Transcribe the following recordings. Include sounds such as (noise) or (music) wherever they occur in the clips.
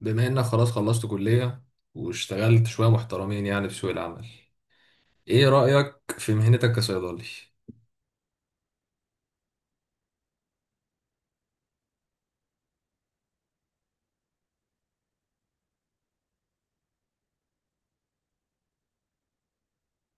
بما انك خلاص خلصت كلية، واشتغلت شوية محترمين يعني في سوق العمل. ايه رأيك في مهنتك كصيدلي؟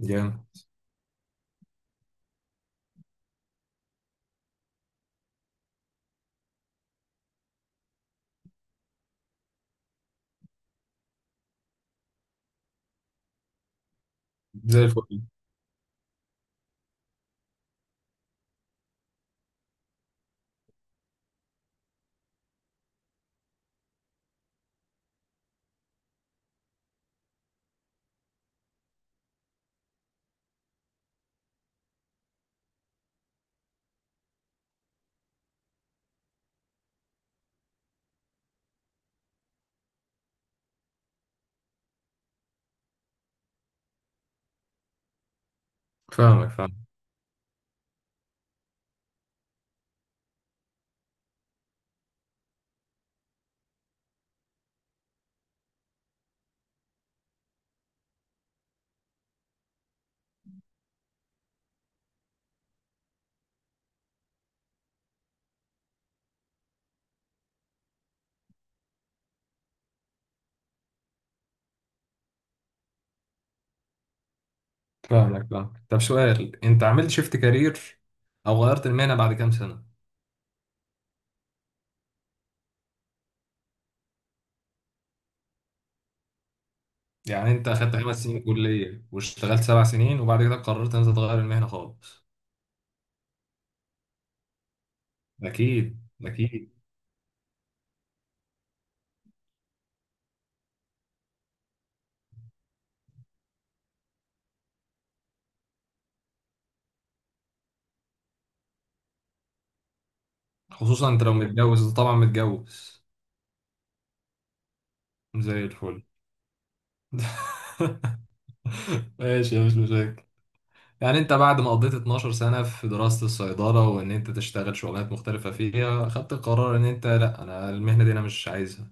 جامد. زي الفل. فاهمك، فاهمك. فاهمك، فاهمك. طب سؤال، انت عملت شيفت كارير او غيرت المهنة بعد كام سنة؟ يعني انت اخدت 5 سنين كلية واشتغلت 7 سنين وبعد كده قررت ان انت تغير المهنة خالص. اكيد اكيد. خصوصا انت لو متجوز. انت طبعا متجوز؟ زي الفل. (laughs) ماشي، مش مشاكل. يعني انت بعد ما قضيت 12 سنة في دراسة الصيدلة وان انت تشتغل شغلانات مختلفة فيها، خدت قرار ان انت لا، انا المهنة دي انا مش عايزها.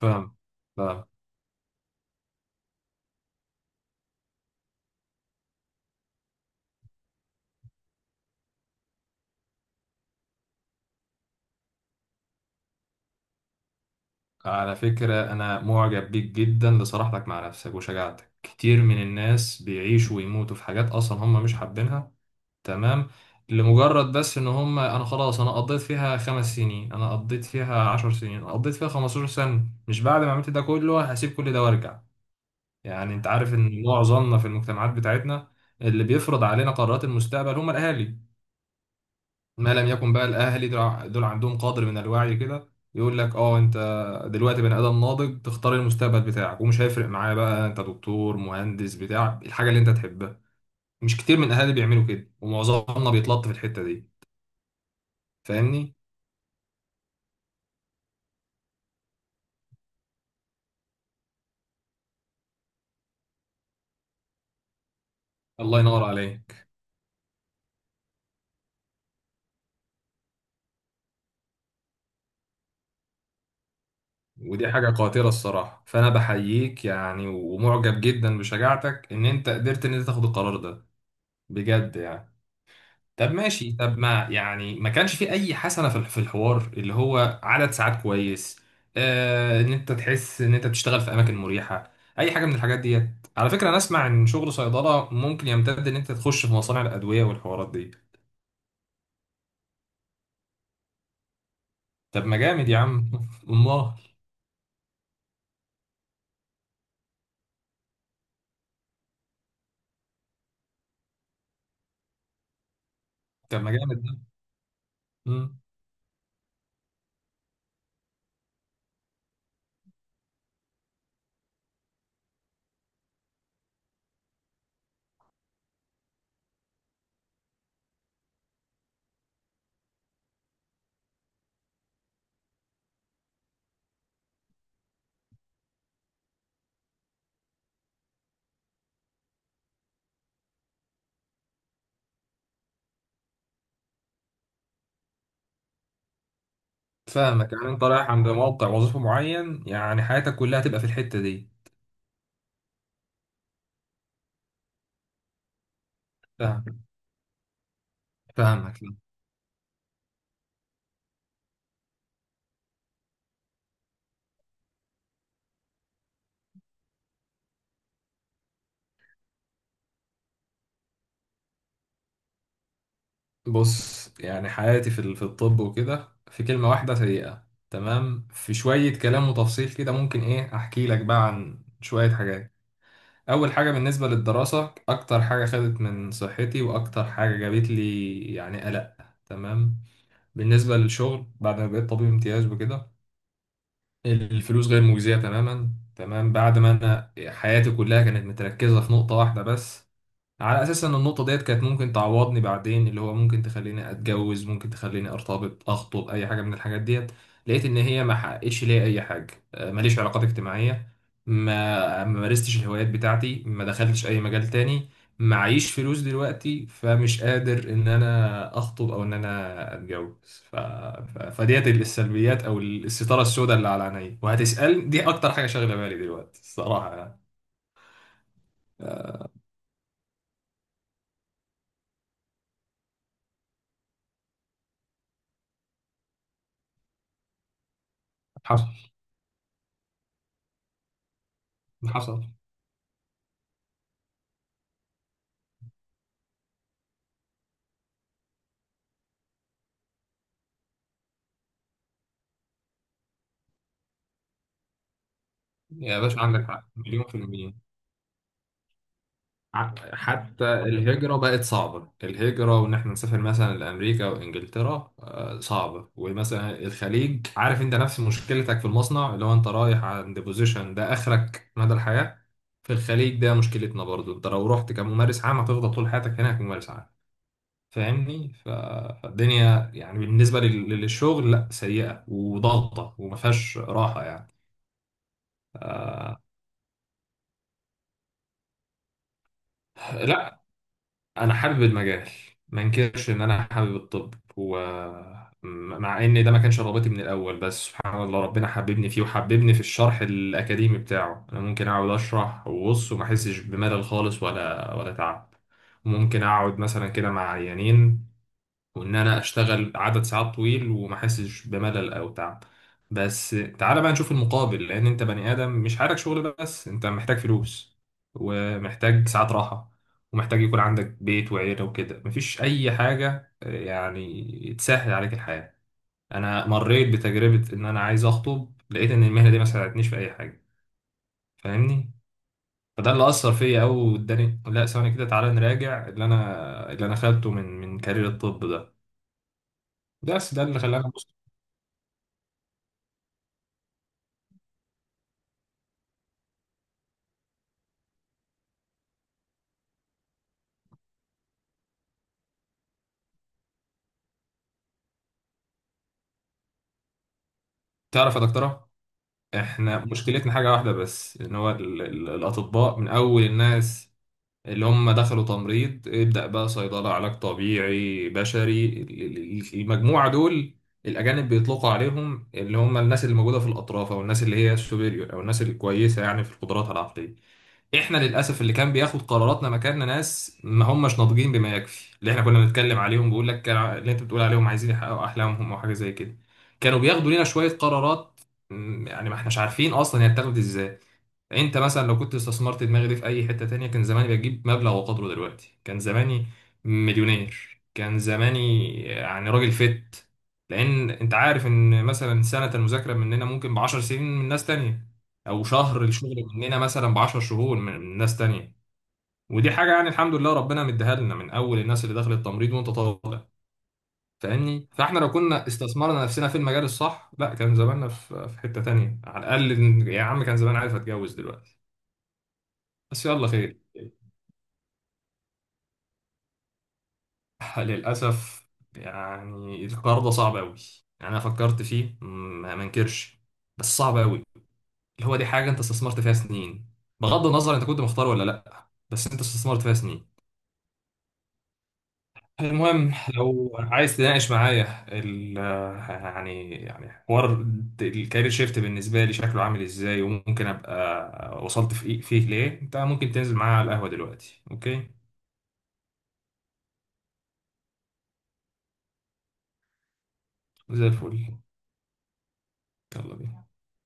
فاهم. فاهم. على فكرة، انا معجب بيك جدا لصراحتك مع نفسك وشجاعتك. كتير من الناس بيعيشوا ويموتوا في حاجات اصلا هم مش حابينها. تمام. لمجرد بس ان هم، انا خلاص انا قضيت فيها 5 سنين، انا قضيت فيها 10 سنين، انا قضيت فيها 15 سنة، مش بعد ما عملت ده كله هسيب كل ده وارجع. يعني انت عارف ان معظمنا في المجتمعات بتاعتنا اللي بيفرض علينا قرارات المستقبل هم الاهالي. ما لم يكن بقى الاهالي دول عندهم قدر من الوعي كده، يقول لك اه انت دلوقتي بني ادم ناضج، تختار المستقبل بتاعك ومش هيفرق معايا بقى انت دكتور مهندس بتاع الحاجه اللي انت تحبها. مش كتير من الاهالي بيعملوا كده، ومعظمنا بيتلط في الحته دي. فاهمني؟ الله ينور عليك. ودي حاجه قاتله الصراحه، فانا بحييك يعني، ومعجب جدا بشجاعتك ان انت قدرت ان انت تاخد القرار ده بجد يعني. طب ماشي، طب ما يعني ما كانش في اي حسنه في الحوار اللي هو عدد ساعات كويس؟ ان انت تحس ان انت بتشتغل في اماكن مريحه، اي حاجه من الحاجات ديت. على فكره، انا اسمع ان شغل صيدله ممكن يمتد ان انت تخش في مصانع الادويه والحوارات دي. طب ما جامد يا عم! (laughs) امال. طب ما جامد ده. مم. فاهمك، يعني انت رايح عند موقع وظيفه معين، يعني حياتك كلها تبقى في الحته دي. فاهم. فاهمك. بص، يعني حياتي في الطب وكده في كلمة واحدة سيئة. تمام، في شوية كلام وتفصيل كده ممكن ايه احكي لك بقى عن شوية حاجات. اول حاجة، بالنسبة للدراسة اكتر حاجة خدت من صحتي واكتر حاجة جابت لي يعني قلق. تمام. بالنسبة للشغل، بعد ما بقيت طبيب امتياز وكده الفلوس غير مجزية تماما. تمام. بعد ما انا حياتي كلها كانت متركزة في نقطة واحدة بس، على اساس ان النقطه ديت كانت ممكن تعوضني بعدين، اللي هو ممكن تخليني اتجوز، ممكن تخليني ارتبط، اخطب، اي حاجه من الحاجات ديت. لقيت ان هي ما حققتش ليا اي حاجه. ماليش علاقات اجتماعيه. ما مارستش الهوايات بتاعتي، ما دخلتش اي مجال تاني. معيش فلوس دلوقتي، فمش قادر ان انا اخطب او ان انا اتجوز. فديت السلبيات او الستاره السوداء اللي على عيني وهتسال دي اكتر حاجه شاغله بالي دلوقتي الصراحه يعني. حصل. حصل. يا باشا، عندك حق مليون في المية. حتى الهجرة بقت صعبة، الهجرة وإن إحنا نسافر مثلا لأمريكا وإنجلترا صعبة. ومثلا الخليج، عارف أنت نفس مشكلتك في المصنع، اللي هو أنت رايح عند بوزيشن ده آخرك مدى الحياة. في الخليج ده مشكلتنا برضو، أنت لو رحت كممارس عام هتفضل طول حياتك هناك ممارس عام. فاهمني؟ فالدنيا يعني بالنسبة للشغل، لا، سيئة وضغطة وما فيهاش راحة يعني. لا، انا حابب المجال. ما انكرش ان انا حابب الطب، ومع ان ده ما كانش رغبتي من الاول بس سبحان الله ربنا حببني فيه وحببني في الشرح الاكاديمي بتاعه. انا ممكن اقعد اشرح وبص وما احسش بملل خالص ولا تعب. ممكن اقعد مثلا كده مع عيانين وان انا اشتغل عدد ساعات طويل وما احسش بملل او تعب. بس تعالى بقى نشوف المقابل، لان انت بني ادم مش حالك شغل بس، انت محتاج فلوس ومحتاج ساعات راحة ومحتاج يكون عندك بيت وعيلة وكده. مفيش اي حاجة يعني تسهل عليك الحياة. انا مريت بتجربة ان انا عايز اخطب، لقيت ان المهنة دي ما ساعدتنيش في اي حاجة. فاهمني؟ فده اللي اثر فيا قوي واداني. لا، ثواني كده، تعالى نراجع اللي انا خدته من كارير الطب ده، بس ده اللي خلاني. تعرف يا دكتورة، احنا مشكلتنا حاجة واحدة بس، ان هو الاطباء من اول الناس اللي هم دخلوا تمريض ابدأ بقى صيدلة علاج طبيعي بشري، المجموعة دول الاجانب بيطلقوا عليهم اللي هم الناس اللي موجودة في الاطراف، او الناس اللي هي السوبيريور، او الناس الكويسة يعني في قدراتها العقلية. احنا للاسف اللي كان بياخد قراراتنا مكاننا ناس ما هماش ناضجين بما يكفي، اللي احنا كنا بنتكلم عليهم بيقول لك كان اللي انت بتقول عليهم عايزين يحققوا احلامهم او حاجه زي كده. كانوا بياخدوا لنا شويه قرارات. يعني ما احناش عارفين اصلا هي اتاخدت ازاي. انت مثلا لو كنت استثمرت دماغي دي في اي حتة تانية كان زماني بجيب مبلغ وقدره دلوقتي، كان زماني مليونير، كان زماني يعني راجل فت. لان انت عارف ان مثلا سنة المذاكرة مننا ممكن ب10 سنين من ناس تانية، او شهر الشغل مننا مثلا ب10 شهور من ناس تانية. ودي حاجة يعني الحمد لله ربنا مديها لنا من اول الناس اللي دخلت التمريض وانت طالع. فاهمني؟ فاحنا لو كنا استثمرنا نفسنا في المجال الصح، لا كان زماننا في حتة تانية. على الاقل يا عم كان زمان عارف اتجوز دلوقتي. بس يلا خير. للأسف، يعني القرار ده صعب أوي، يعني أنا فكرت فيه ما منكرش، بس صعب أوي. اللي هو دي حاجة أنت استثمرت فيها سنين، بغض النظر أنت كنت مختار ولا لأ، بس أنت استثمرت فيها سنين. المهم لو عايز تناقش معايا ال، يعني حوار الكارير شيفت بالنسبة لي شكله عامل إزاي وممكن أبقى وصلت فيه ليه، أنت ممكن تنزل معايا على القهوة دلوقتي، أوكي؟ زي الفل. يلا بينا.